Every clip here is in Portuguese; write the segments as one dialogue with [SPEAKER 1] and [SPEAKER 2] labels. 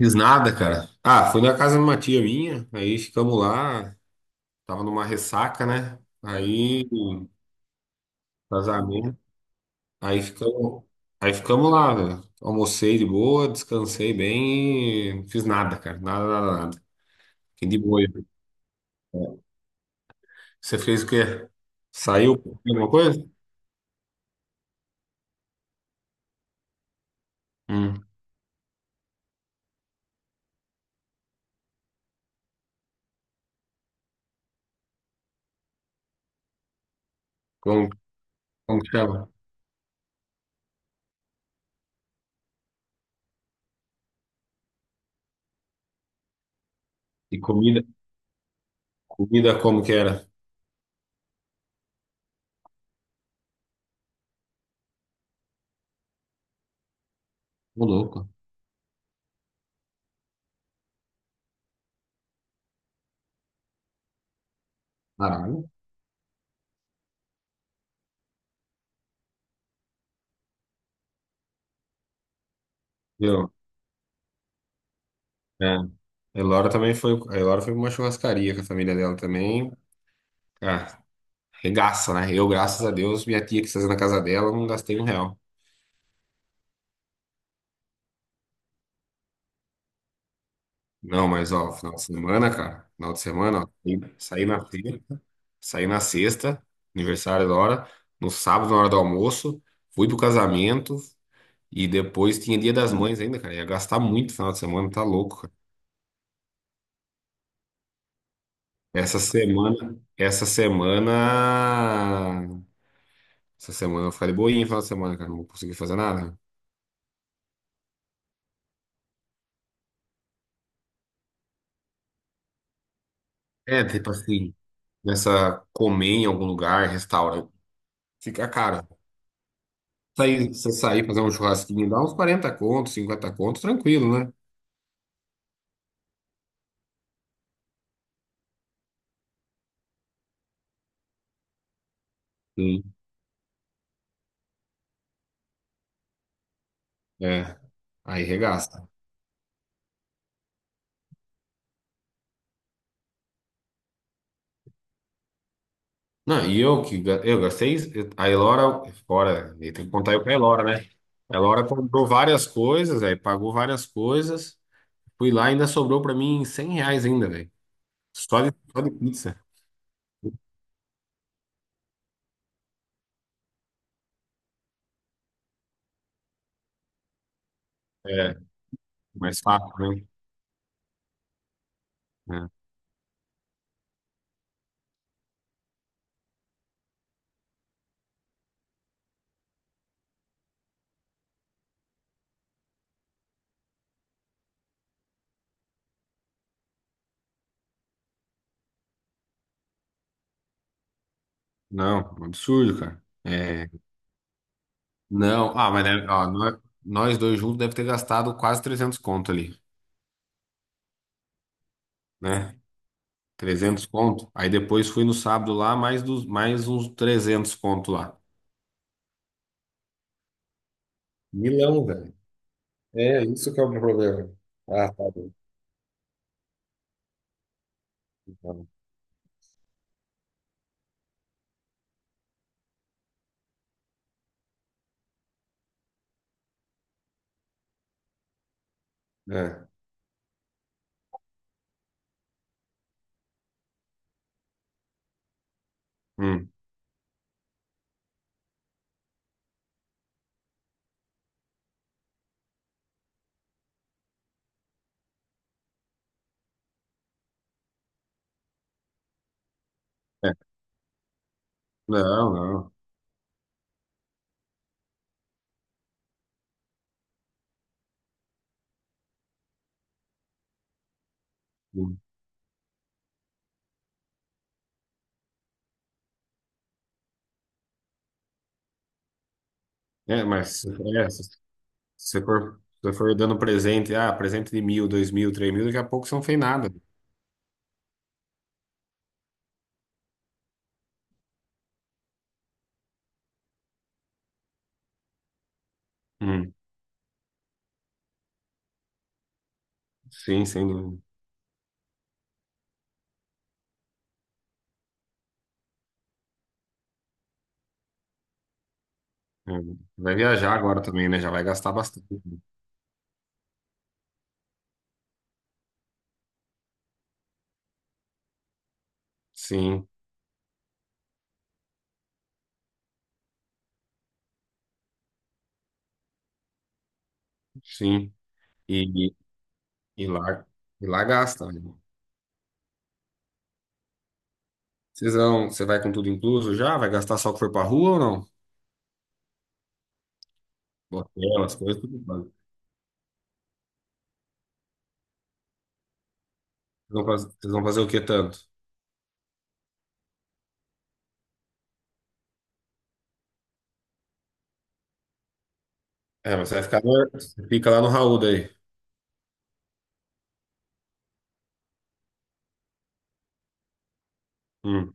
[SPEAKER 1] Fiz nada, cara. Ah, fui na casa de uma tia minha, aí ficamos lá, tava numa ressaca, né? Aí, casamento, aí ficamos, aí ficamos lá, velho. Almocei de boa, descansei bem e fiz nada, cara. Nada, nada, nada. Fiquei de boa. Aí. Você fez o quê? Saiu pra comer alguma coisa? Hum, como, como que chama? E comida, comida como que era? Ô, louco. Caralho. Viu? É. A Elora também foi, a Elora foi pra uma churrascaria com a família dela também. Ah, regaça, né? Eu, graças a Deus, minha tia que tá fazendo na casa dela, eu não gastei um real. Não, mas ó, final de semana, cara, final de semana, ó, saí na sexta, saí na sexta, aniversário da hora, no sábado, na hora do almoço, fui pro casamento e depois tinha Dia das Mães ainda, cara. Ia gastar muito final de semana, tá louco, cara. Essa semana, essa semana, essa semana eu vou ficar de boinha final de semana, cara, não vou conseguir fazer nada. É, tipo assim, nessa comer em algum lugar, restaurante, fica caro. Sair, você sair, fazer um churrasquinho, dá uns 40 contos, 50 contos, tranquilo, né? Sim. É, aí regaça. Não, e eu que eu gastei, a Elora, fora, e tem que contar eu com a Elora, né? A Elora comprou várias coisas, aí pagou várias coisas, fui lá e ainda sobrou pra mim R$ 100 ainda, velho. Só de pizza. É, mais fácil, né? É. Não, um absurdo, cara. É, não, ah, mas né, ó, nós dois juntos deve ter gastado quase 300 conto ali, né? 300 conto. Aí depois fui no sábado lá, mais, dos, mais uns 300 conto lá. Milão, velho. É, isso que é o meu problema. Ah, tá bom. Tá bom. É. Hum. É. Não, não. Hum. É, mas é, se se você for dando presente, ah, presente de 1.000, 2.000, 3.000, daqui a pouco você não fez nada. Hum. Sim, sem dúvida. É. Vai viajar agora também, né? Já vai gastar bastante. Sim, sim. E, e lá, e lá gasta, né? Você vai com tudo incluso já? Vai gastar só o que for pra rua ou não? Hotel, as coisas, tudo pago. Vocês vão fazer o que tanto? É, mas você vai ficar, você fica lá no Raul daí. Hum,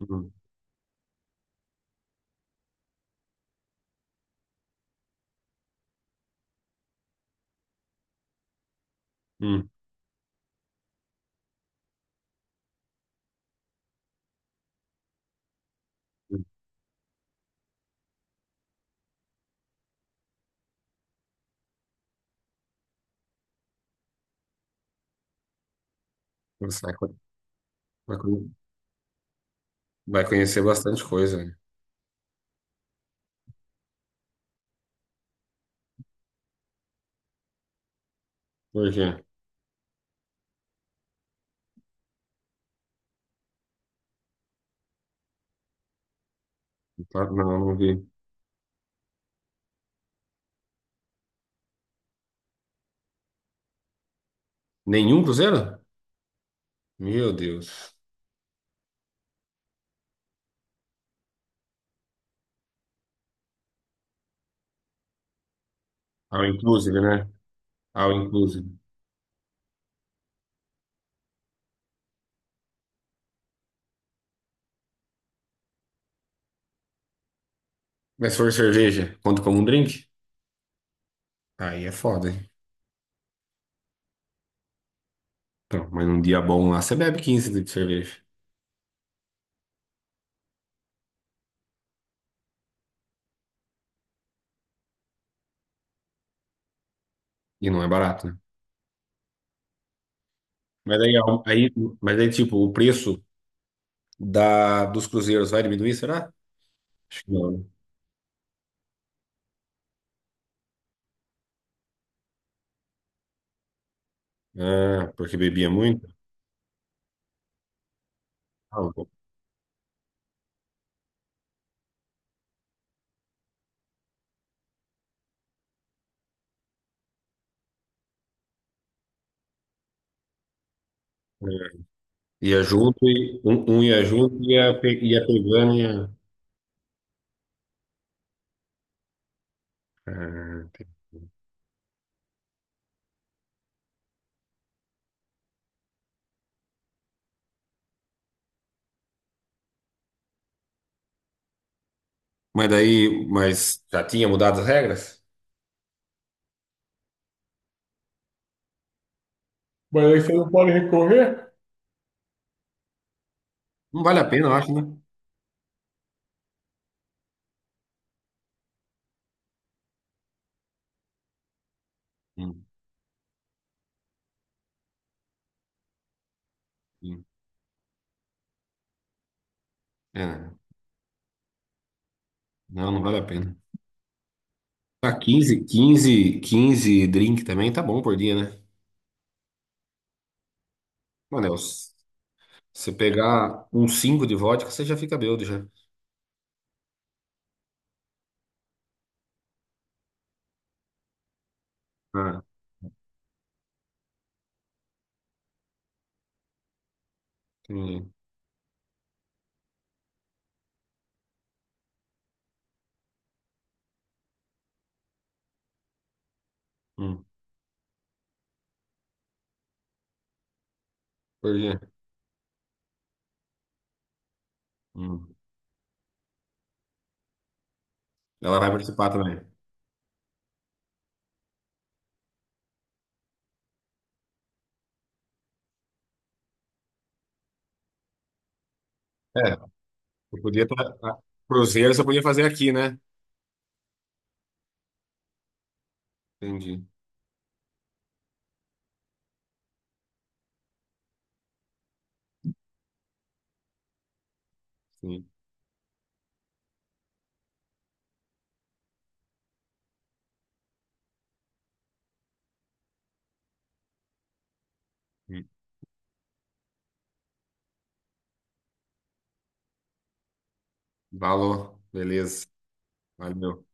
[SPEAKER 1] hum, hum, hum. Você vai, vai co- conhecer bastante coisa, né? Por quê? Claro. Não, não vi. Nenhum cruzeiro? Meu Deus. All inclusive, né? All inclusive. Mas se for cerveja, conta como um drink? Aí é foda, hein? Então, mas num dia bom lá, você bebe 15 litros de cerveja. E não é barato, né? Mas aí, ao- aí, mas aí, tipo, o preço dos cruzeiros vai diminuir, será? Acho que não, né? Ah, porque bebia muito? Ah, um pouco. É. Ia junto, e, um ia junto e ia pegando. Ia. Ah, entendi. Mas daí, mas já tinha mudado as regras? Mas aí você não pode recorrer? Não vale a pena, eu acho, né? Hum, hum. É, não, não vale a pena. Tá, quinze drink também tá bom por dia, né? Mano, é, o. Se pegar um 5 de vodka, você já fica bêbado já. Ah, entendi. Hum, por quê? Hum. Ela vai participar também. É, eu podia cruzeiro você podia fazer aqui, né? Entendi. Sim. Hum. Valor. Beleza. Valeu.